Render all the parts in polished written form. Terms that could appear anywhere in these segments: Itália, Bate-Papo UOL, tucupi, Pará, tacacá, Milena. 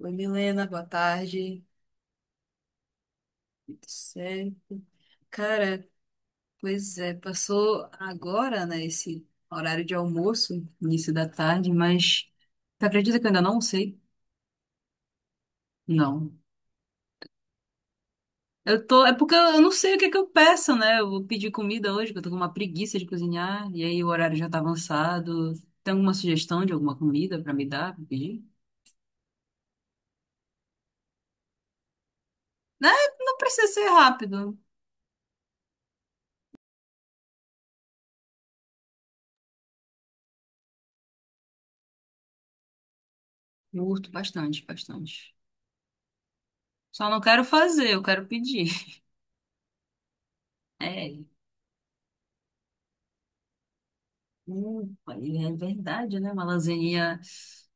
Oi, Milena, boa tarde. Tudo certo? Cara, pois é, passou agora, né, esse horário de almoço, início da tarde, mas tu acredita que eu ainda não sei? Não. Eu tô, é porque eu não sei o que eu peço, né? Eu vou pedir comida hoje, porque eu tô com uma preguiça de cozinhar, e aí o horário já tá avançado. Tem alguma sugestão de alguma comida pra me dar, pra pedir? Né? Não precisa ser rápido. Eu Curto bastante, bastante. Só não quero fazer, eu quero pedir. É. É verdade, né? Uma lasaninha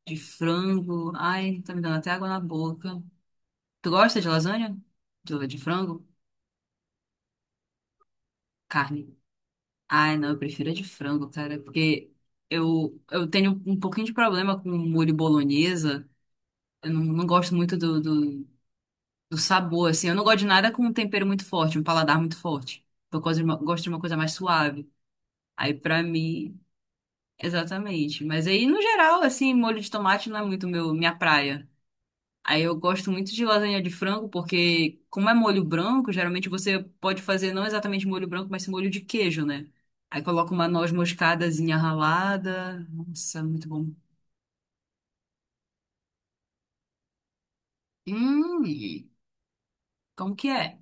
de frango. Ai, tá me dando até água na boca. Tu gosta de lasanha? De frango? Carne. Ai, não, eu prefiro a de frango, cara, porque eu tenho um pouquinho de problema com molho bolonhesa. Eu não, não gosto muito do sabor, assim. Eu não gosto de nada com um tempero muito forte, um paladar muito forte. Eu gosto de uma coisa mais suave. Aí, pra mim, exatamente. Mas aí, no geral, assim, molho de tomate não é muito meu, minha praia. Aí eu gosto muito de lasanha de frango, porque como é molho branco, geralmente você pode fazer não exatamente molho branco, mas sim molho de queijo, né? Aí coloca uma noz moscadazinha ralada. Nossa, muito bom. Hum, como que é?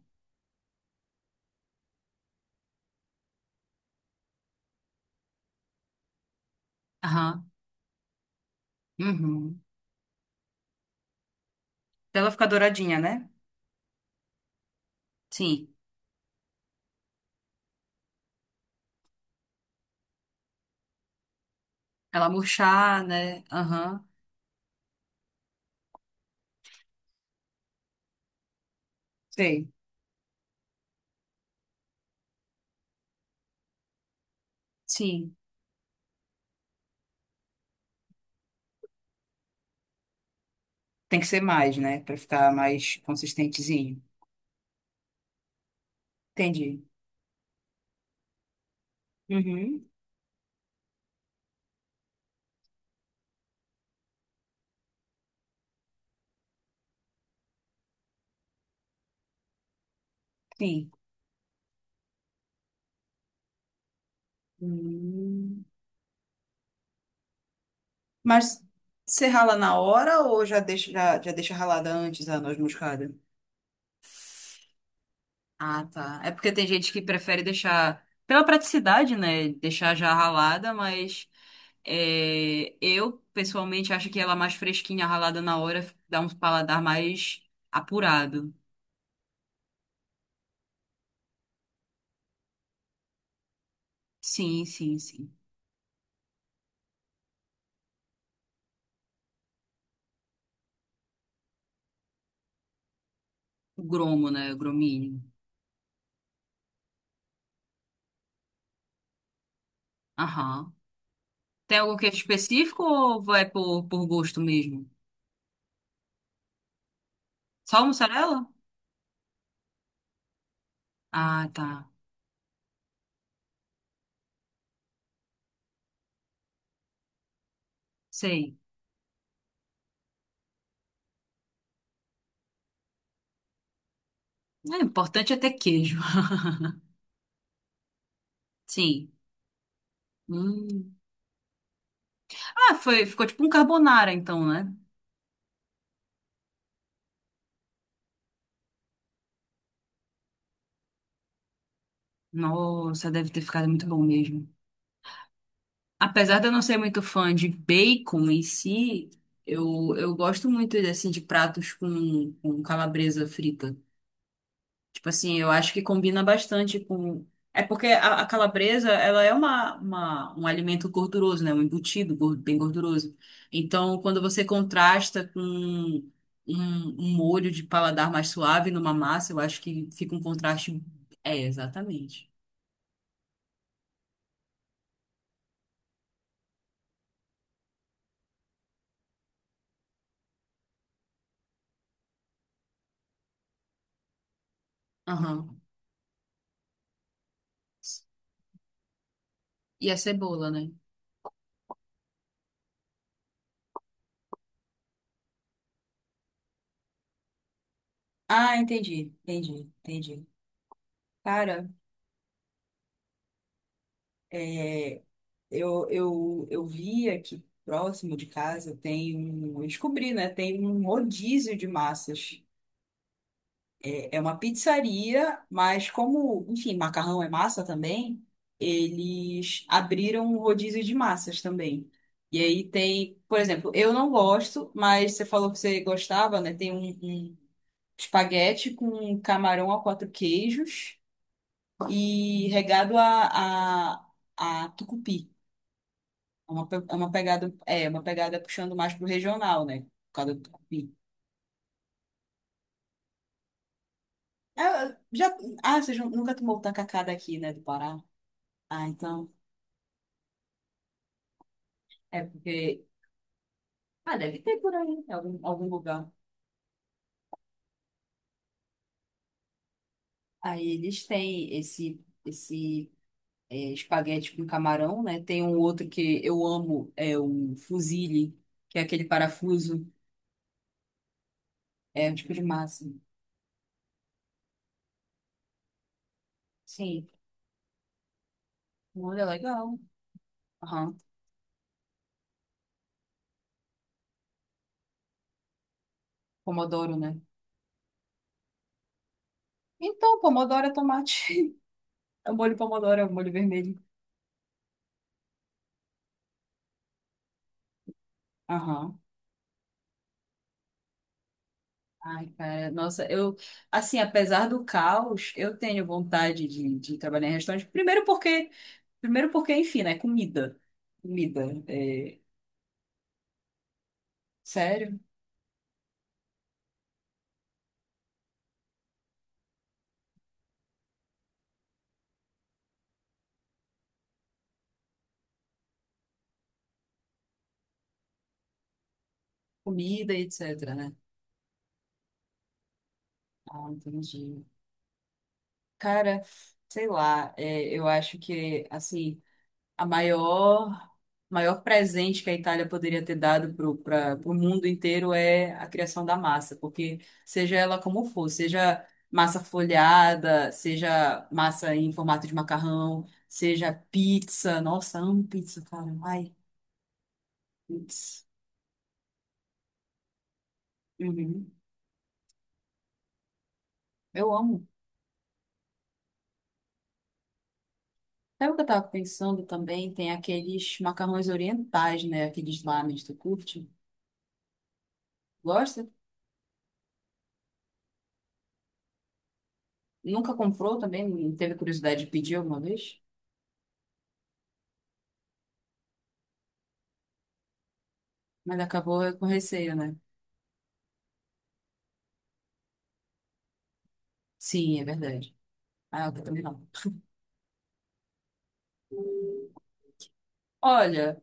Aham. Uhum. Pra ela ficar douradinha, né? Sim. Ela murchar, né? Aham. Sei. Sim. Tem que ser mais, né? Pra ficar mais consistentezinho. Entendi. Uhum. Sim. Hum. Mas você rala na hora ou já deixa, já deixa ralada antes a noz moscada? Ah, tá. É porque tem gente que prefere deixar, pela praticidade, né? Deixar já ralada, mas é, eu pessoalmente acho que ela mais fresquinha, ralada na hora, dá um paladar mais apurado. Sim, sim, sim. O gromo, né? O grominho. Aham. Tem algum queijo específico ou vai por gosto mesmo? Só mussarela? Ah, tá. Sei. É importante é ter queijo. Sim. Hum. Ah, foi, ficou tipo um carbonara, então, né? Nossa, deve ter ficado muito bom mesmo. Apesar de eu não ser muito fã de bacon em si, eu gosto muito assim, de pratos com calabresa frita. Tipo assim, eu acho que combina bastante com. É porque a calabresa, ela é uma, um alimento gorduroso, né? Um embutido gor- bem gorduroso. Então, quando você contrasta com um, um molho de paladar mais suave numa massa, eu acho que fica um contraste. É, exatamente. Aham. E a cebola, né? Ah, entendi, entendi, entendi. Cara, é, eu vi aqui próximo de casa, tem um, eu descobri, né? Tem um rodízio de massas. É, é uma pizzaria, mas como, enfim, macarrão é massa também, eles abriram um rodízio de massas também. E aí tem, por exemplo, eu não gosto, mas você falou que você gostava, né? Tem um, um espaguete com camarão a quatro queijos e regado a, a tucupi. É uma, pe- é, uma pegada puxando mais pro regional, né? Por causa do tucupi. Ah, eu já, ah, vocês nu- nunca tomou o tacacá daqui, né, do Pará? Ah, então, é porque... Ah, deve ter por aí, em algum, algum lugar. Aí eles têm esse, esse é, espaguete com camarão, né? Tem um outro que eu amo, é o fusilli, que é aquele parafuso, é um tipo de massa. Sim, olha, legal. Aham, Pomodoro, né? Então, pomodoro é tomate. É o molho pomodoro, é o molho vermelho. Aham. Ai, cara, nossa, eu, assim, apesar do caos, eu tenho vontade de trabalhar em restaurante. Primeiro porque, enfim, né, comida. Comida, é, sério, comida, e etc, né? Ah, entendi. Cara, sei lá, é, eu acho que, assim, a maior, maior presente que a Itália poderia ter dado para o mundo inteiro é a criação da massa, porque seja ela como for, seja massa folhada, seja massa em formato de macarrão, seja pizza, nossa, amo pizza, cara, ai, pizza. Uhum. Eu amo. Sabe o que eu tava pensando também? Tem aqueles macarrões orientais, né? Aqueles lámen, tu curte? Gosta? Nunca comprou também? Não Teve curiosidade de pedir alguma vez? Mas acabou com receio, né? Sim, é verdade. Ah, eu também não. Olha.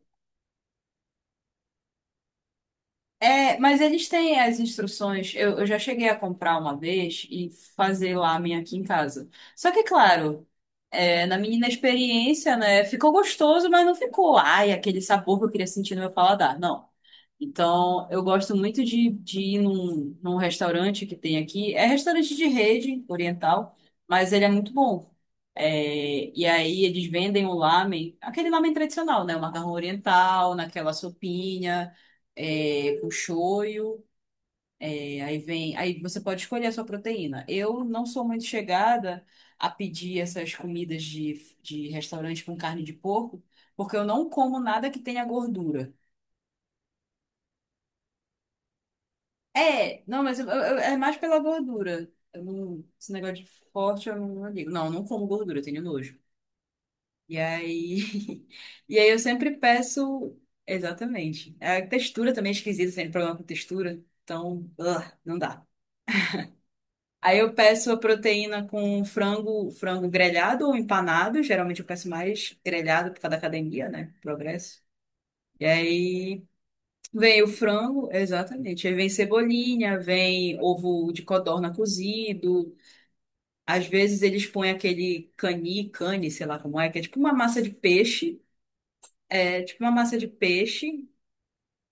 É, mas eles têm as instruções. Eu já cheguei a comprar uma vez e fazer lá a minha aqui em casa. Só que, claro, é, na minha inexperiência, né? Ficou gostoso, mas não ficou, ai, aquele sabor que eu queria sentir no meu paladar. Não. Então, eu gosto muito de ir num, num restaurante que tem aqui. É restaurante de rede oriental, mas ele é muito bom. É, e aí eles vendem o lamen, aquele lamen tradicional, né? O macarrão oriental, naquela sopinha é, com shoyu, é, aí vem, aí você pode escolher a sua proteína. Eu não sou muito chegada a pedir essas comidas de restaurante com carne de porco, porque eu não como nada que tenha gordura. É, não, mas é mais pela gordura. Eu não- esse negócio de forte eu não, não ligo. Não, eu não como gordura, eu tenho nojo. E aí, e aí eu sempre peço, exatamente. A textura também é esquisita, tem problema com textura, então, ugh, não dá. Aí eu peço a proteína com frango, frango grelhado ou empanado. Geralmente eu peço mais grelhado por causa da academia, né? Progresso. E aí vem o frango, exatamente. Aí vem cebolinha, vem ovo de codorna cozido. Às vezes eles põem aquele cani, cane, sei lá como é, que é tipo uma massa de peixe. É tipo uma massa de peixe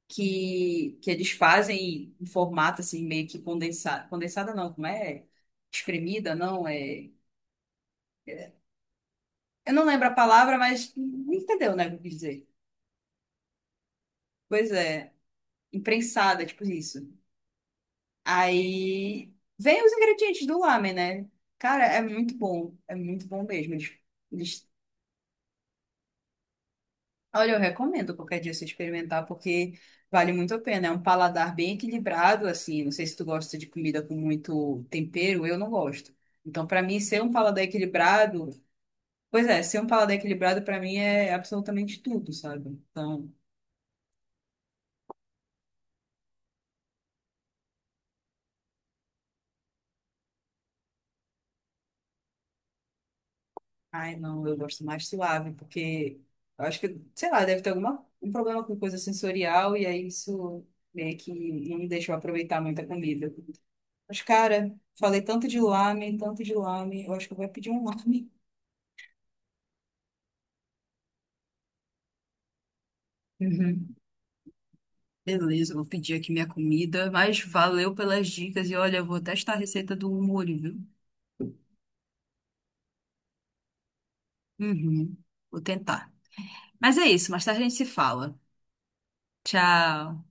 que eles fazem em formato assim, meio que condensado. Condensada não, como é? Espremida, não, é. Eu não lembro a palavra, mas entendeu, né, o que eu quis dizer. Pois é, imprensada, tipo isso. Aí vem os ingredientes do lamen, né? Cara, é muito bom mesmo. Eles- Olha, eu recomendo qualquer dia você experimentar, porque vale muito a pena. É um paladar bem equilibrado, assim. Não sei se tu gosta de comida com muito tempero, eu não gosto. Então, pra mim, ser um paladar equilibrado, pois é, ser um paladar equilibrado pra mim é absolutamente tudo, sabe? Então Ai, não, eu gosto mais suave, porque eu acho que, sei lá, deve ter alguma, um problema com coisa sensorial, e aí isso meio que não me deixou aproveitar muita comida. Mas, cara, falei tanto de lame, eu acho que eu vou pedir um lame. Uhum. Beleza, eu vou pedir aqui minha comida, mas valeu pelas dicas e olha, eu vou testar a receita do molho, viu? Uhum. Vou tentar. Mas é isso, mais tarde a gente se fala. Tchau.